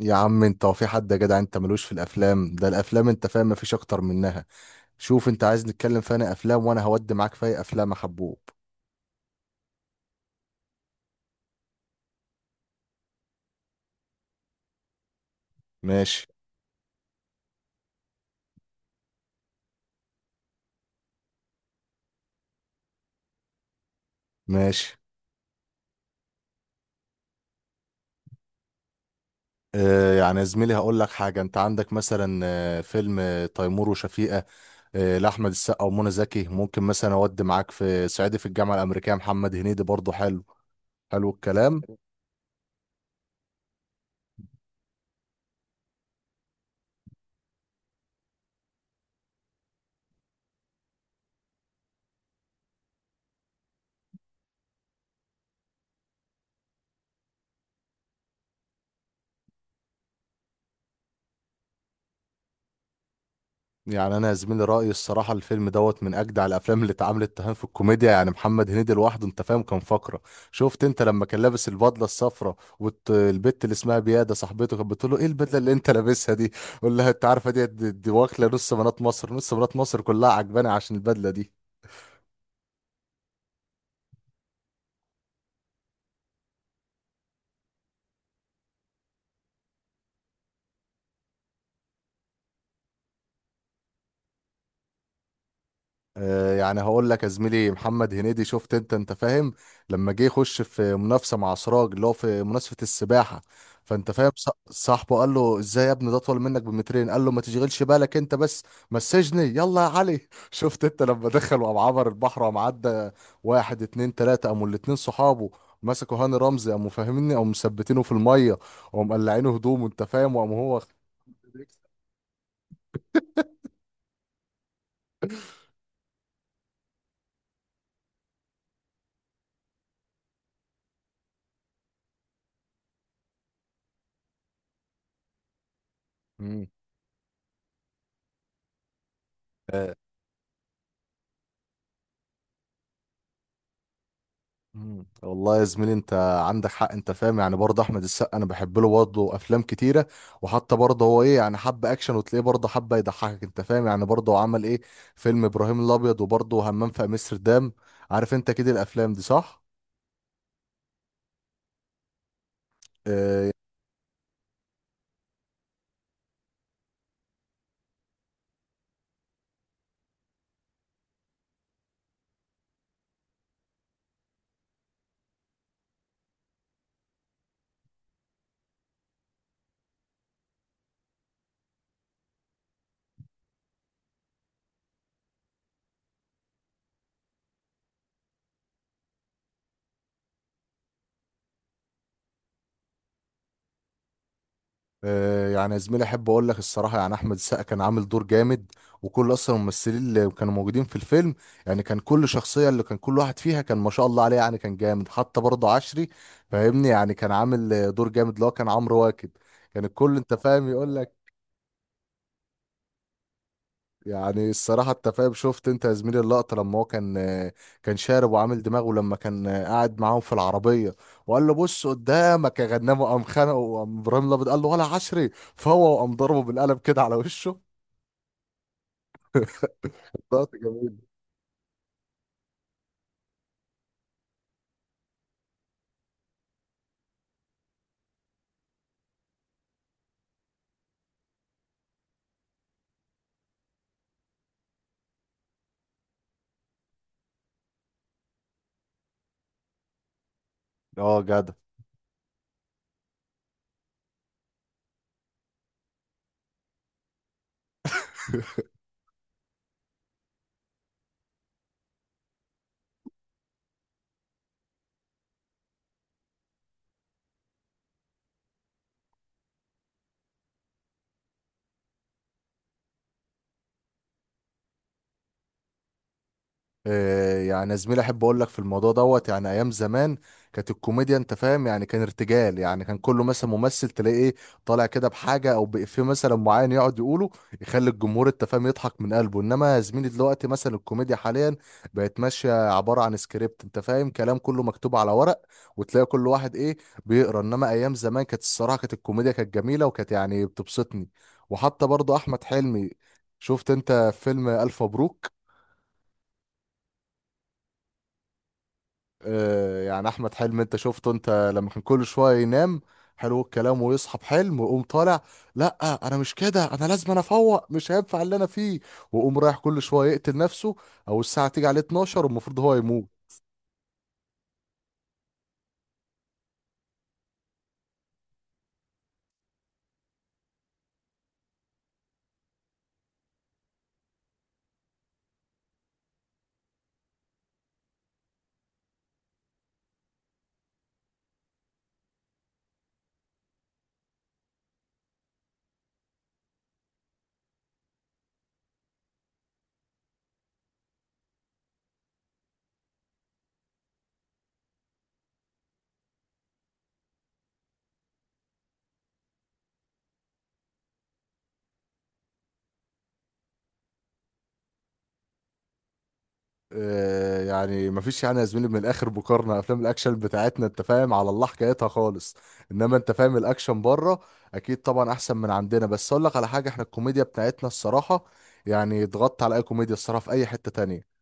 يا عم، انت هو في حد؟ يا جدع، انت ملوش في الافلام. ده الافلام انت فاهم مفيش اكتر منها. شوف انت عايز نتكلم في انا افلام وانا هودي معاك في اي افلام يا حبوب. ماشي، ماشي. آه، يعني يا زميلي هقول لك حاجه. انت عندك مثلا فيلم تيمور وشفيقه. آه، لاحمد السقا ومنى زكي. ممكن مثلا اودي معاك في صعيدي في الجامعه الامريكيه، محمد هنيدي برضه حلو. حلو الكلام. يعني انا يا زميلي رايي الصراحه الفيلم دوت من اجدع الافلام اللي اتعملت تهان في الكوميديا. يعني محمد هنيدي لوحده انت فاهم كان فقره. شفت انت لما كان لابس البدله الصفراء والبت اللي اسمها بياده صاحبته كانت بتقول له ايه البدله اللي انت لابسها دي؟ قول لها انت عارفه دي واكله نص بنات مصر. نص بنات مصر كلها عجباني عشان البدله دي. آه، يعني هقول لك يا زميلي محمد هنيدي شفت انت انت فاهم لما جه يخش في منافسه مع سراج اللي هو في منافسه السباحه. فانت فاهم، صاحبه قال له ازاي يا ابني ده اطول منك بمترين؟ قال له ما تشغلش بالك انت بس، مسجني يلا يا علي. شفت انت لما دخل وقام عبر البحر وقام عدى. واحد اتنين تلاته قاموا الاتنين صحابه مسكوا هاني رمزي، قاموا فاهميني قاموا مثبتينه في الميه، وقاموا مقلعينه هدومه انت فاهم وقام هو. مم. والله يا زميلي انت عندك حق. انت فاهم يعني برضه احمد السقا انا بحب له برضه افلام كتيره. وحتى برضه هو ايه يعني حب اكشن وتلاقيه برضه حب يضحكك. انت فاهم يعني برضه هو عمل ايه، فيلم ابراهيم الابيض وبرضه همام في امستردام. عارف انت كده الافلام دي صح؟ اه. آه، يعني يا زميلي احب اقول لك الصراحه يعني احمد السقا كان عامل دور جامد. وكل اصلا الممثلين اللي كانوا موجودين في الفيلم يعني كان كل شخصيه اللي كان كل واحد فيها كان ما شاء الله عليه. يعني كان جامد حتى برضه عشري. فاهمني يعني كان عامل دور جامد اللي هو كان عمرو واكد. كان الكل انت فاهم يقول لك. يعني الصراحه انت فاهم شفت انت يا زميلي اللقطه لما هو كان شارب وعامل دماغه لما كان قاعد معاهم في العربيه. وقال له بص قدامك يا غنامه. قام خانقه وقام ابراهيم الابيض قال له ولا عشري فهو وقام ضربه بالقلم كده على وشه. لقطة جميلة. اه جدع. آه، يعني يا زميلي احب اقول لك في الموضوع دوت. يعني ايام زمان كانت الكوميديا انت فاهم يعني كان ارتجال. يعني كان كله مثلا ممثل تلاقيه ايه طالع كده بحاجه او بإفيه مثلا معين يقعد يقوله يخلي الجمهور انت فاهم يضحك من قلبه. انما يا زميلي دلوقتي مثلا الكوميديا حاليا بقت ماشيه عباره عن سكريبت. انت فاهم كلام كله مكتوب على ورق. وتلاقي كل واحد ايه، بيقرا. انما ايام زمان كانت الصراحه كانت الكوميديا كانت جميله وكانت يعني بتبسطني. وحتى برضه احمد حلمي، شفت انت فيلم الف مبروك. آه، يعني احمد حلمي انت شفته انت لما كان كل شويه ينام. حلو الكلام. ويصحى بحلم ويقوم طالع، لا انا مش كده، انا لازم انا افوق مش هينفع اللي انا فيه. ويقوم رايح كل شويه يقتل نفسه، او الساعه تيجي عليه 12 والمفروض هو يموت. آه، يعني مفيش يعني يا زميلي من الاخر مقارنه افلام الاكشن بتاعتنا انت فاهم على الله حكايتها خالص. انما انت فاهم الاكشن بره اكيد طبعا احسن من عندنا. بس اقول لك على حاجه، احنا الكوميديا بتاعتنا الصراحه يعني اتغطى على اي كوميديا الصراحه في اي حته تانية.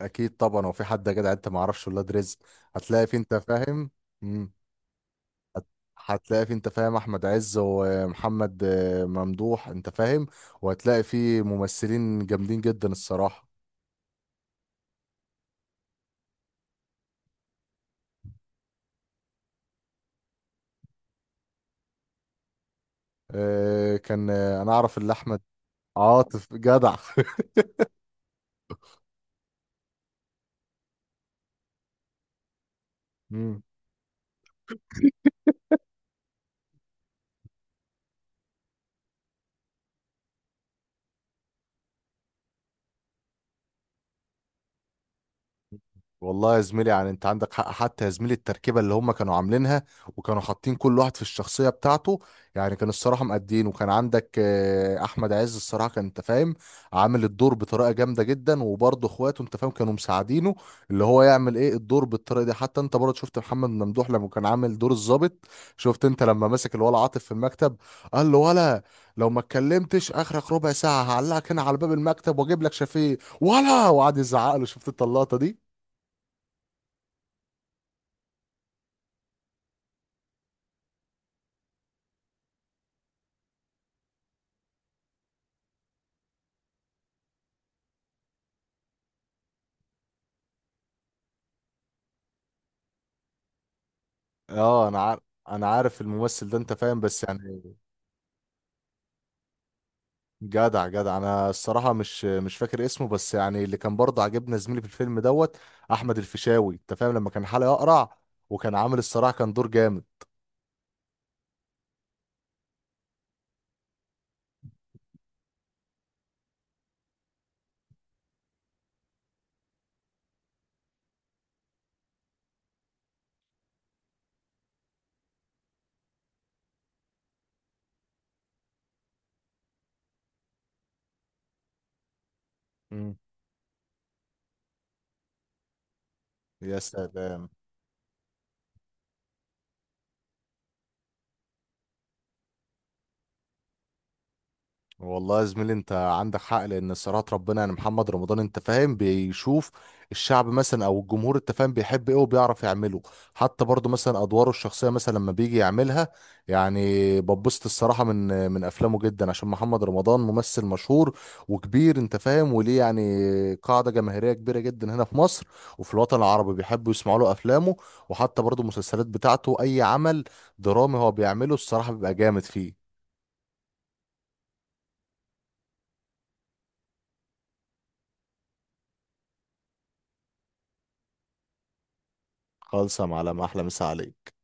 اكيد طبعا، هو في حد يا جدع انت ما اعرفش ولاد رزق؟ هتلاقي في انت فاهم. مم. هت- هتلاقي في انت فاهم احمد عز ومحمد ممدوح انت فاهم. وهتلاقي في ممثلين جامدين جدا الصراحه. كان انا اعرف اللي احمد. عاطف جدع. مم. والله يا زميلي يعني انت عندك حق. حتى يا زميلي التركيبه اللي هم كانوا عاملينها وكانوا حاطين كل واحد في الشخصيه بتاعته، يعني كان الصراحه مقدين. وكان عندك احمد عز الصراحه كان انت فاهم عامل الدور بطريقه جامده جدا. وبرضه اخواته انت فاهم كانوا مساعدينه اللي هو يعمل ايه الدور بالطريقه دي. حتى انت برضه شفت محمد ممدوح لما كان عامل دور الضابط. شفت انت لما مسك الولا عاطف في المكتب، قال له ولا لو ما اتكلمتش اخرك ربع ساعه هعلقك هنا على باب المكتب واجيب لك شفيق ولا، وقعد يزعق له. شفت انت اللقطه دي. اه انا عارف. انا عارف الممثل ده انت فاهم، بس يعني جدع جدع انا الصراحه مش فاكر اسمه. بس يعني اللي كان برضه عجبنا زميلي في الفيلم دوت احمد الفيشاوي انت فاهم لما كان حلقه اقرع وكان عامل الصراحه كان دور جامد. مم. يا سلام. والله يا زميلي انت عندك حق لان صراحة ربنا يعني محمد رمضان انت فاهم بيشوف الشعب مثلا او الجمهور انت فاهم بيحب ايه وبيعرف يعمله. حتى برضو مثلا ادواره الشخصية مثلا لما بيجي يعملها يعني ببسط الصراحة من افلامه جدا. عشان محمد رمضان ممثل مشهور وكبير انت فاهم وليه يعني قاعدة جماهيرية كبيرة جدا هنا في مصر وفي الوطن العربي. بيحبوا يسمعوا له افلامه. وحتى برضو المسلسلات بتاعته اي عمل درامي هو بيعمله الصراحة بيبقى جامد فيه. خالصة معلم، احلى مسا عليك.